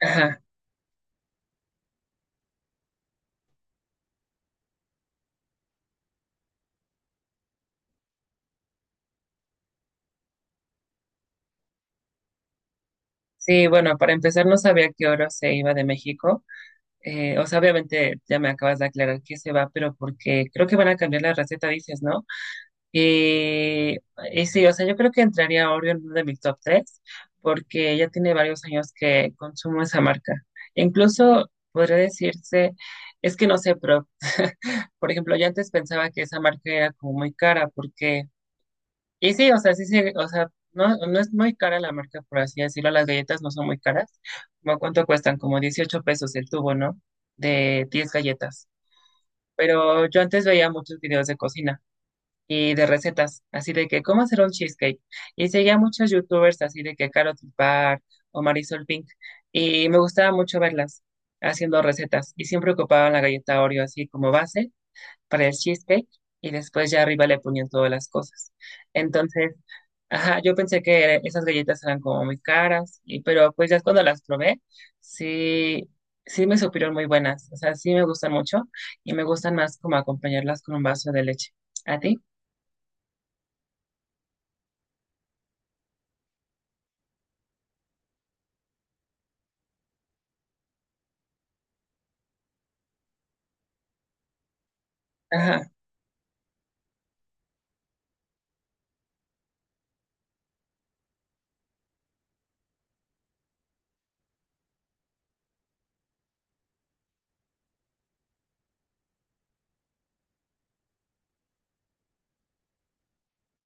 Ajá. Sí, bueno, para empezar no sabía que Oro se iba de México. O sea, obviamente ya me acabas de aclarar que se va, pero porque creo que van a cambiar la receta, dices, ¿no? Y, y sí, o sea, yo creo que entraría Oreo en uno de mis top tres, porque ya tiene varios años que consumo esa marca. Incluso podría decirse, es que no sé, pero por ejemplo, yo antes pensaba que esa marca era como muy cara, porque… Y sí, o sea, sí, sí o sea, no, no es muy cara la marca, por así decirlo, las galletas no son muy caras. ¿Cómo ¿Cuánto cuestan? Como 18 pesos el tubo, ¿no? De 10 galletas. Pero yo antes veía muchos videos de cocina y de recetas, así de que cómo hacer un cheesecake. Y seguía muchos youtubers así de que Carol Bar o Marisol Pink. Y me gustaba mucho verlas haciendo recetas y siempre ocupaban la galleta Oreo así como base para el cheesecake y después ya arriba le ponían todas las cosas. Entonces, ajá, yo pensé que esas galletas eran como muy caras, y, pero pues ya cuando las probé, sí, sí me supieron muy buenas. O sea, sí me gustan mucho y me gustan más como acompañarlas con un vaso de leche. ¿A ti? Ajá.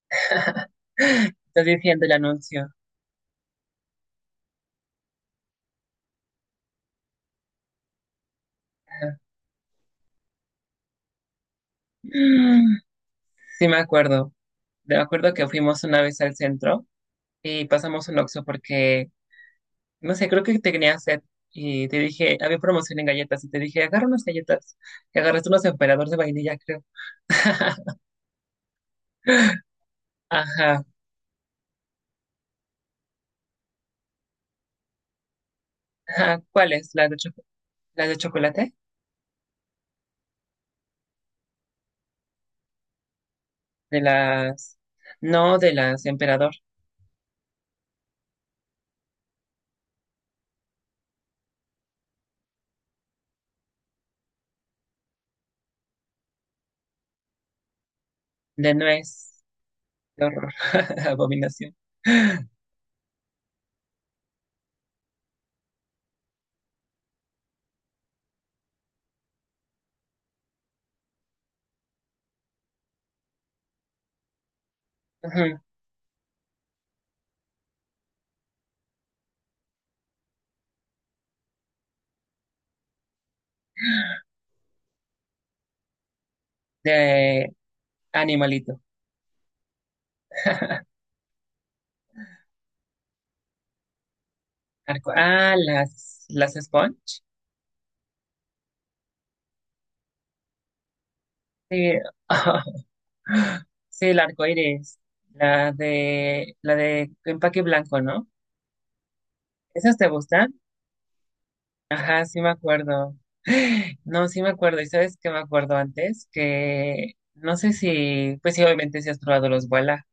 Estás diciendo el anuncio. Ajá. Mm, sí me acuerdo. Me acuerdo que fuimos una vez al centro y pasamos un Oxxo porque no sé, creo que te tenía sed y te dije, había promoción en galletas y te dije, agarra unas galletas. Y agarraste unos emperadores de vainilla, creo. Ajá. Ajá. ¿Cuáles? ¿Las de las de chocolate? De las... No, de las emperador. De nuez. Qué horror. Abominación. Ujú. De animalito. Ah, las sponge. Sí, sí, el arco iris. La de empaque blanco, ¿no? ¿Esas te gustan? Ajá, sí me acuerdo. No, sí me acuerdo. ¿Y sabes qué me acuerdo antes? Que no sé si, pues sí, obviamente si has probado los Wala.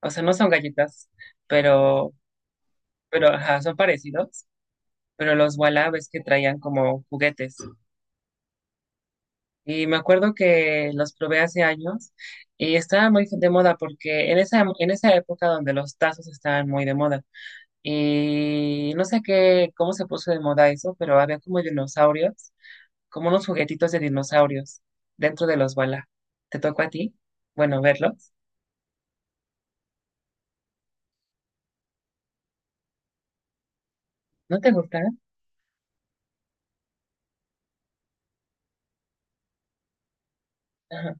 O sea, no son galletas, pero, pero, ajá, son parecidos. Pero los Wala ves que traían como juguetes. Y me acuerdo que los probé hace años y estaban muy de moda porque en esa época donde los tazos estaban muy de moda. Y no sé qué, cómo se puso de moda eso, pero había como dinosaurios como unos juguetitos de dinosaurios dentro de los Bala. ¿Te tocó a ti? Bueno, verlos. ¿No te gustan? Ajá,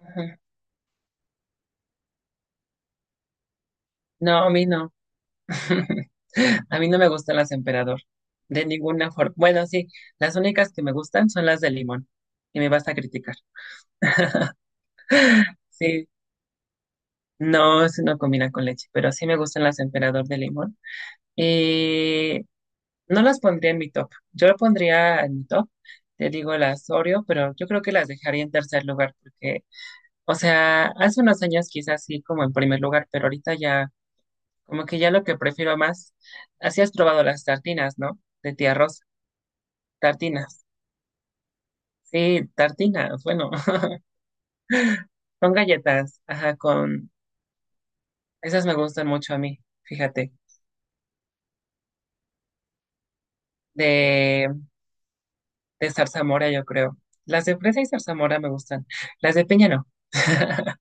ajá. No, a mí no. A mí no me gustan las emperador, de ninguna forma. Bueno, sí, las únicas que me gustan son las de limón, y me vas a criticar. Sí, no, eso no combina con leche, pero sí me gustan las emperador de limón. Y no las pondría en mi top. Yo lo pondría en mi top, te digo las Oreo, pero yo creo que las dejaría en tercer lugar, porque… O sea, hace unos años quizás sí como en primer lugar, pero ahorita ya, como que ya lo que prefiero más, así has probado las tartinas, ¿no? De tía Rosa, tartinas. Sí, tartinas, bueno, son galletas, ajá, con, esas me gustan mucho a mí, fíjate, de, de zarzamora yo creo. Las de fresa y zarzamora me gustan, las de piña no.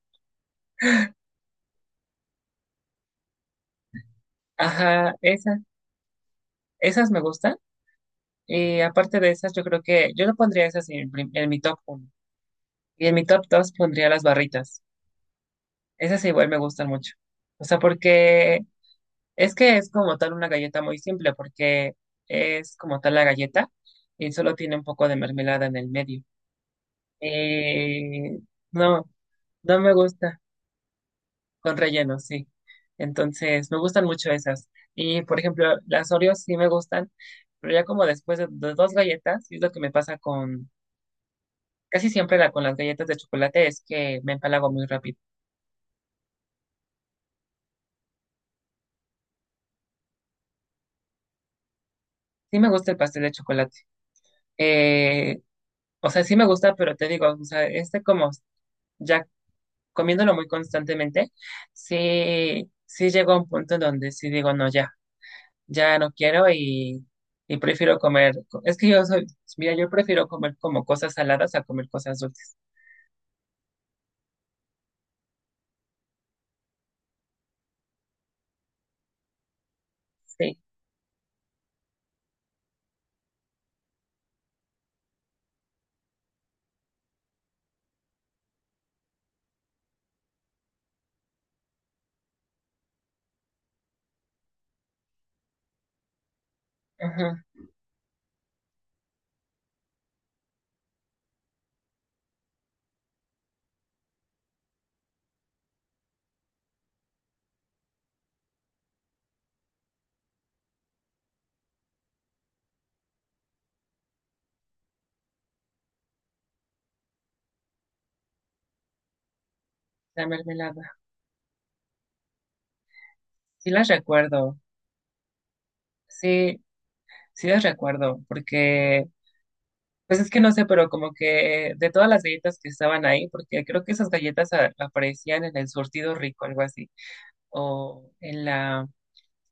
Ajá, esas, esas me gustan. Y aparte de esas, yo creo que yo lo pondría esas en, en mi top uno. Y en mi top 2 pondría las barritas. Esas igual me gustan mucho. O sea, porque es que es como tal una galleta muy simple, porque es como tal la galleta y solo tiene un poco de mermelada en el medio. Eh, no, no me gusta con relleno, sí. Entonces, me gustan mucho esas. Y, por ejemplo, las Oreos sí me gustan, pero ya como después de dos galletas, y es lo que me pasa casi siempre con las galletas de chocolate, es que me empalago muy rápido. Sí me gusta el pastel de chocolate. Eh, O sea, sí me gusta, pero te digo, o sea, este como ya comiéndolo muy constantemente, sí, sí llegó a un punto en donde sí digo, no, ya, ya no quiero y prefiero comer. Es que yo soy, mira, yo prefiero comer como cosas saladas a comer cosas dulces. Sí, ajá, la mermelada. Sí las recuerdo, sí, sí las recuerdo, porque, pues es que no sé, pero como que de todas las galletas que estaban ahí, porque creo que esas galletas aparecían en el surtido rico, algo así o en la...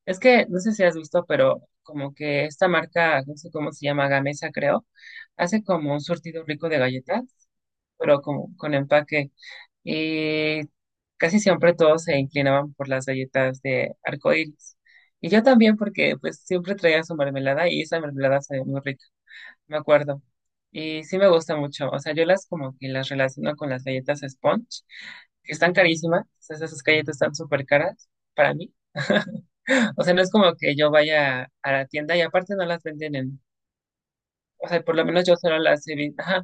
Es que no sé si has visto, pero como que esta marca, no sé cómo se llama, Gamesa creo, hace como un surtido rico de galletas, pero como con empaque. Y casi siempre todos se inclinaban por las galletas de arcoíris. Y yo también porque pues siempre traía su mermelada y esa mermelada sabía muy rica, me acuerdo. Y sí me gusta mucho. O sea, yo las como que las relaciono con las galletas Sponge, que están carísimas. O sea, esas galletas están súper caras para mí. O sea, no es como que yo vaya a la tienda y aparte no las venden en, o sea, por lo menos yo solo las he visto, ajá,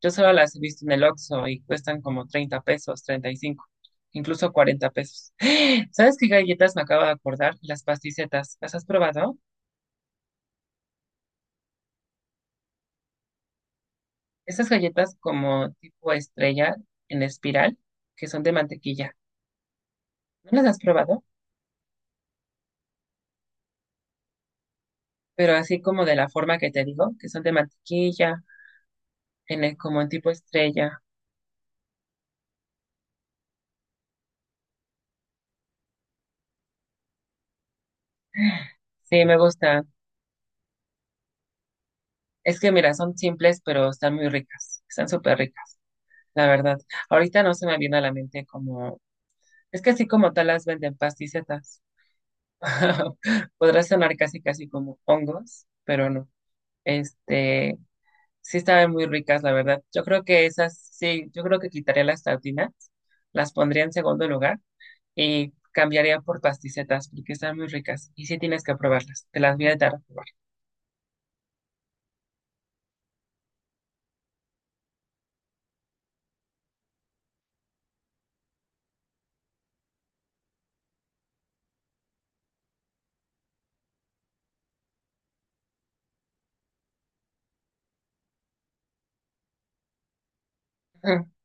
yo solo las he visto en el Oxxo y cuestan como 30 pesos, 35, incluso 40 pesos. ¿Sabes qué galletas me acabo de acordar? Las pasticetas. ¿Las has probado? Estas galletas como tipo estrella en espiral, que son de mantequilla. ¿No las has probado? Pero así como de la forma que te digo, que son de mantequilla, como en tipo estrella. Sí, me gustan. Es que mira, son simples, pero están muy ricas. Están súper ricas, la verdad. Ahorita no se me viene a la mente como... Es que así como tal las venden pasticetas. Podrá sonar casi casi como hongos, pero no. Este, sí estaban muy ricas, la verdad. Yo creo que esas, sí, yo creo que quitaría las tartinas, las pondría en segundo lugar y cambiaría por pasticetas porque están muy ricas y sí tienes que probarlas. Te las voy a dar a probar.